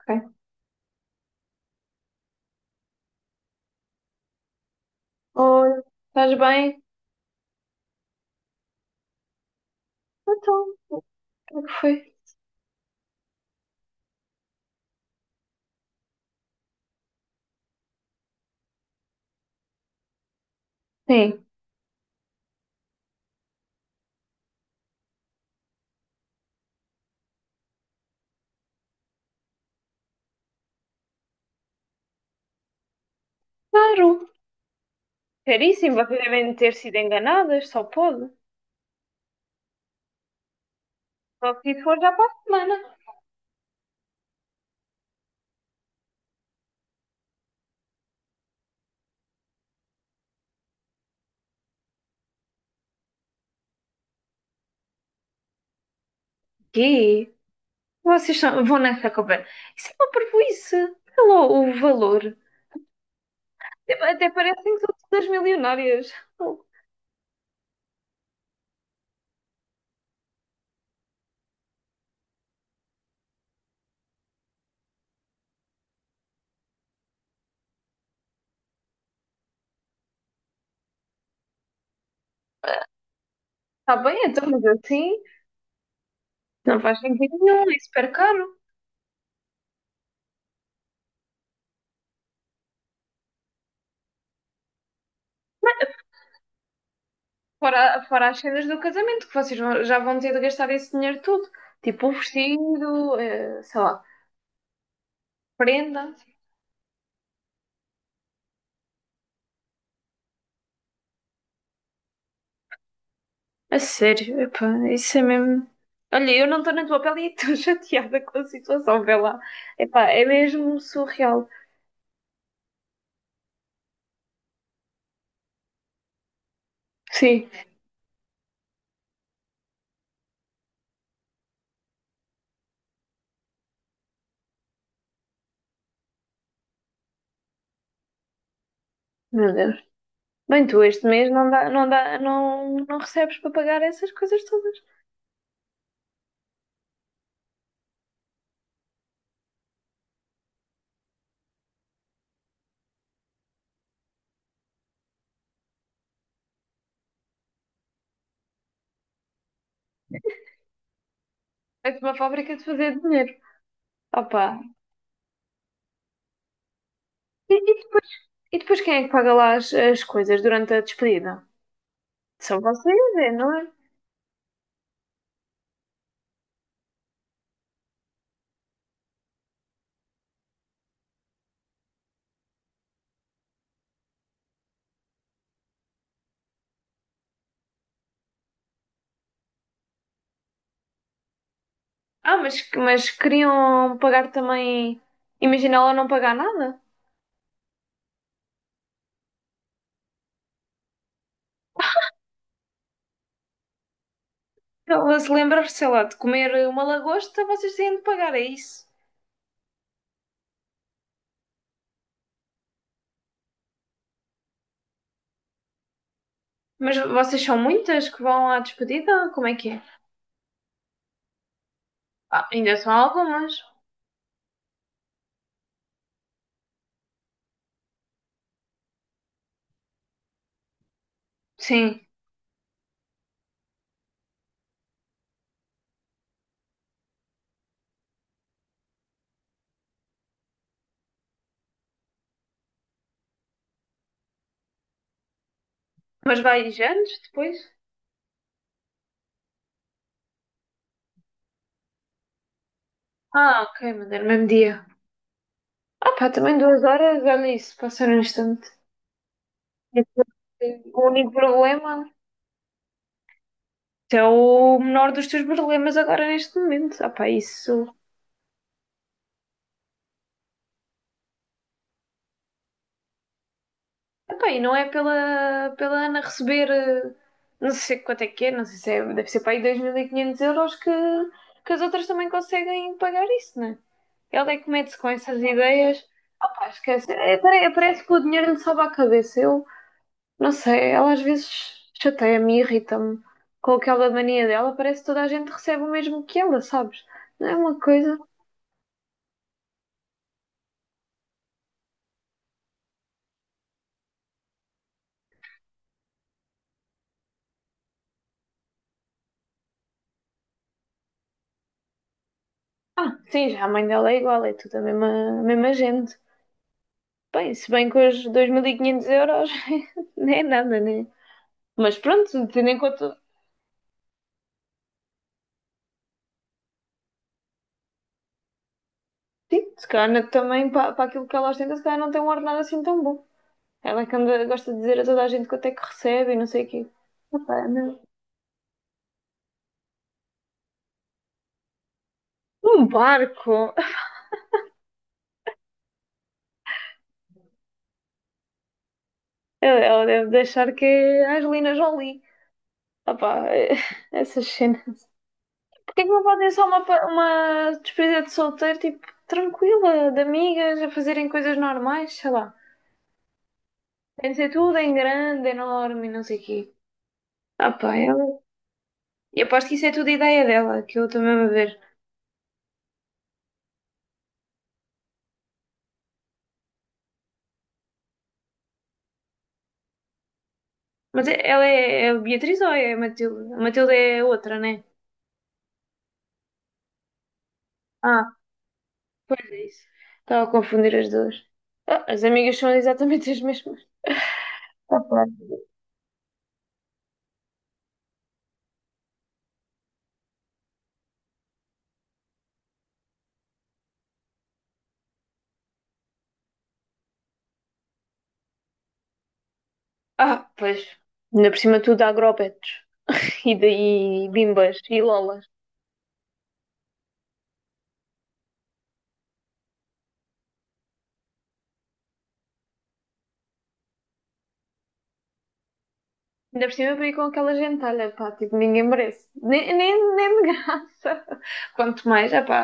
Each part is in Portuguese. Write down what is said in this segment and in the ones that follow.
Ok. Olha, estás bem? Então, o que é que foi? Sim, claro. Caríssimo, vocês devem ter sido enganadas, só pode. Só se isso for já para a semana. Quê? Vocês vão nessa conversa. Isso é uma parvoíce. Olha lá o valor. Até parecem que são todas milionárias. Está bem, então, mas assim não faz sentido nenhum, é super caro. Fora as cenas do casamento, que vocês já vão ter de gastar esse dinheiro todo. Tipo o vestido, sei lá, prenda. A sério, epá, isso é mesmo. Olha, eu não estou na tua pele e estou chateada com a situação, vê lá. Epá, é mesmo surreal. Sim, meu Deus. Bem, tu este mês não dá, não dá, não recebes para pagar essas coisas todas. É uma fábrica de fazer dinheiro. Opa. E, e- e depois quem é que paga lá as coisas durante a despedida? São vocês, é, não é? Ah, mas queriam pagar também. Imagina ela não pagar nada? Ela se lembrar, sei lá, de comer uma lagosta, vocês têm de pagar, é isso. Mas vocês são muitas que vão à despedida? Como é que é? Ah, ainda são algumas. Sim. Mas vai anos depois? Ah, ok, mas é no mesmo dia. Ah pá, também 2 horas, olha isso, passar um instante. Esse é o único problema. Esse é o menor dos teus problemas agora neste momento. Ah pá, isso. Epá, e não é pela Ana receber, não sei quanto é que é, não sei se é, deve ser para aí 2.500 euros que as outras também conseguem pagar isso, não é? Ela é que mete-se com essas ideias. Pá, esquece. É, parece que o dinheiro lhe sobe à cabeça. Eu não sei, ela às vezes chateia-me, irrita-me com aquela mania dela. Parece que toda a gente recebe o mesmo que ela, sabes? Não é uma coisa. Ah, sim, já a mãe dela é igual, é tudo a mesma gente. Bem, se bem que hoje 2.500 euros não é nada, né? Mas pronto, tendo em conta, tipo, se calhar também para aquilo que ela ostenta, se calhar não tem um ordenado assim tão bom. Ela é que anda, gosta de dizer a toda a gente quanto é que recebe e não sei o quê. Epá, não. Um barco! Ela, deve deixar que é a Angelina Jolie. Opá, essas cenas. Porquê que não podem só uma despedida de solteiro, tipo, tranquila, de amigas, a fazerem coisas normais, sei lá. Tem de ser tudo em grande, enorme e não sei o quê. Ah pá, ela. Eu aposto que isso é tudo ideia dela, que eu estou mesmo a ver. Mas ela é a Beatriz ou é a Matilde? A Matilde é a outra, né? Ah, pois é isso. Estava a confundir as duas. Ah, as amigas são exatamente as mesmas. Ah, pá. Ah, pois. Ainda por cima tudo há grobetos. E, daí bimbas e lolas. Ainda por cima veio com aquela gentalha, pá, tipo, ninguém merece. Nem de graça. Quanto mais, ah pá,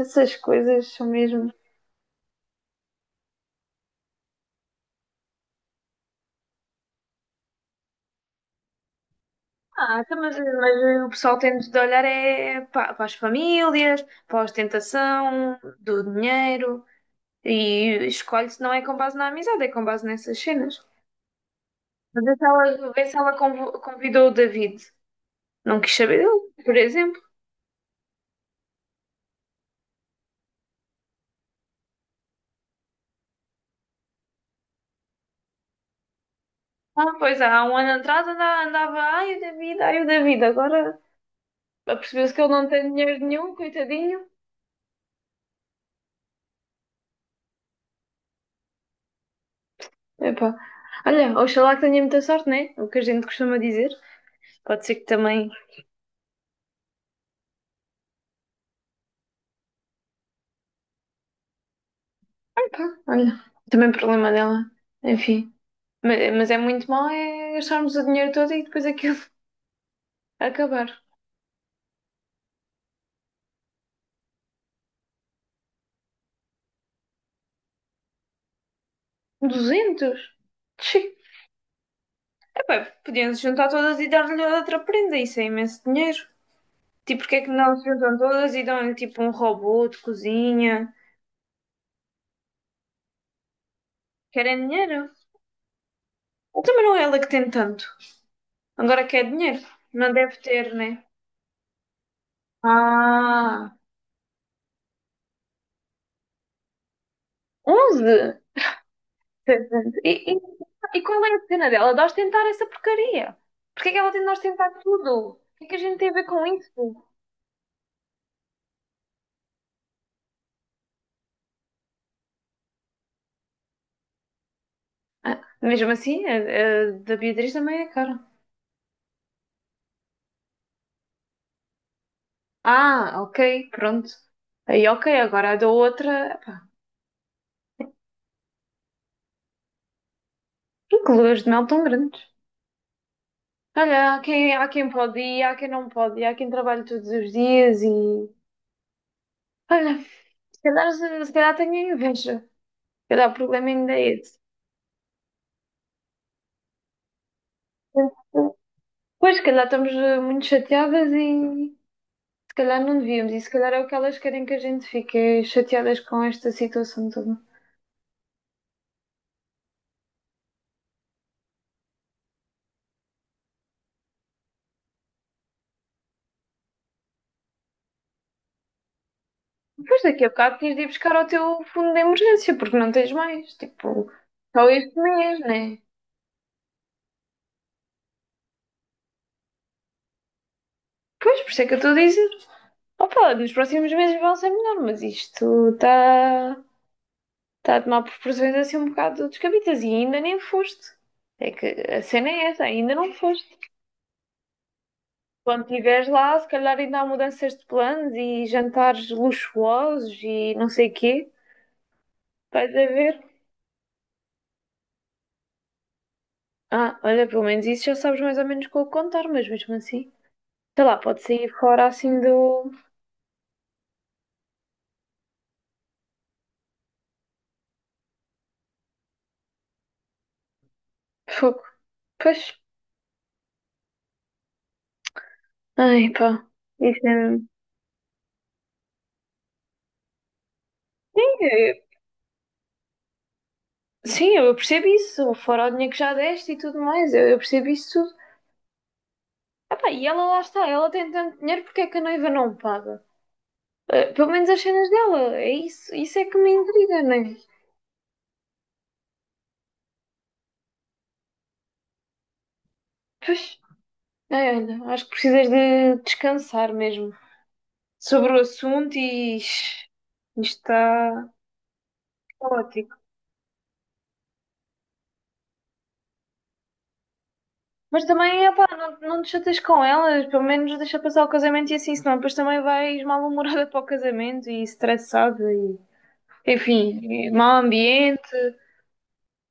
essas coisas são mesmo. Ah, então, mas o pessoal tem de olhar é para as famílias, para a ostentação, do dinheiro, e escolhe-se não é com base na amizade, é com base nessas cenas. Mas vê se ela convidou o David. Não quis saber dele, por exemplo. Ah, pois há um ano atrás andava, ai o David, agora apercebeu-se que ele não tem dinheiro nenhum, coitadinho. Epá. Olha, oxalá que tenha muita sorte, né? É o que a gente costuma dizer. Pode ser que também. Pá, olha, também problema dela. Enfim, mas, é muito mal é gastarmos o dinheiro todo e depois aquilo acabar. 200. Sim. Epá, podiam se juntar todas e dar-lhe outra prenda, isso é imenso dinheiro. Tipo, porque é que não se juntam todas e dão-lhe tipo um robô de cozinha? Querem dinheiro? Também não é ela que tem tanto. Agora quer dinheiro. Não deve ter, né? Ah, 11? Exatamente. E qual é a cena dela? De ostentar essa porcaria? Porquê é que ela tem de ostentar tudo? O que é que a gente tem a ver com isso? Ah, mesmo assim, a da Beatriz também é cara. Ah, ok, pronto. Aí, ok, agora a da outra. E que luas de mel tão grandes. Olha, há quem pode ir, há quem não pode ir, há quem trabalha todos os dias e. Olha, se calhar tenho inveja. Se calhar o problema ainda é esse. Pois, se calhar estamos muito chateadas e. Se calhar não devíamos, e se calhar é o que elas querem que a gente fique é chateadas com esta situação toda. Depois daqui a bocado tens de ir buscar ao teu fundo de emergência, porque não tens mais. Tipo, só este mês, né? Pois, por isso é que eu estou a dizer. Opa, nos próximos meses vão ser melhor, mas isto está tá a tomar proporções assim um bocado descabidas e ainda nem foste. É que a cena é essa, ainda não foste. Quando estiveres lá, se calhar ainda há mudanças de planos e jantares luxuosos e não sei o quê. Vais a ver. Ah, olha, pelo menos isso já sabes mais ou menos como contar, mas mesmo assim, sei lá, pode sair fora assim do fogo. Pois, ai pá, isso é mesmo. É, sim, eu percebo isso, fora o dinheiro que já deste e tudo mais, eu percebo isso tudo. Ah pá, e ela lá está, ela tem tanto dinheiro, porque é que a noiva não paga? Ah, pelo menos as cenas dela, é isso, isso é que me intriga, não é? Pois, ai, olha, acho que precisas de descansar mesmo sobre o assunto e isto está ótimo. Mas também, epá, não te chateias com elas, pelo menos deixa passar o casamento e assim, senão depois também vais mal-humorada para o casamento e estressada e, enfim, e mau ambiente.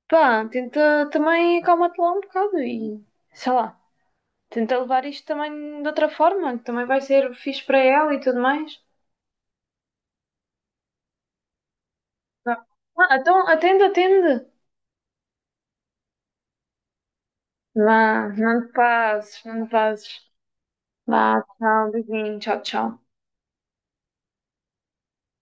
Pá, tenta também acalmar te lá um bocado e, sei lá, tenta levar isto também de outra forma, que também vai ser fixe para ela e tudo mais. Vá. Ah, então, atende, atende. Vá, não te passes, não te passes. Vá, tchau, beijinho, tchau, tchau.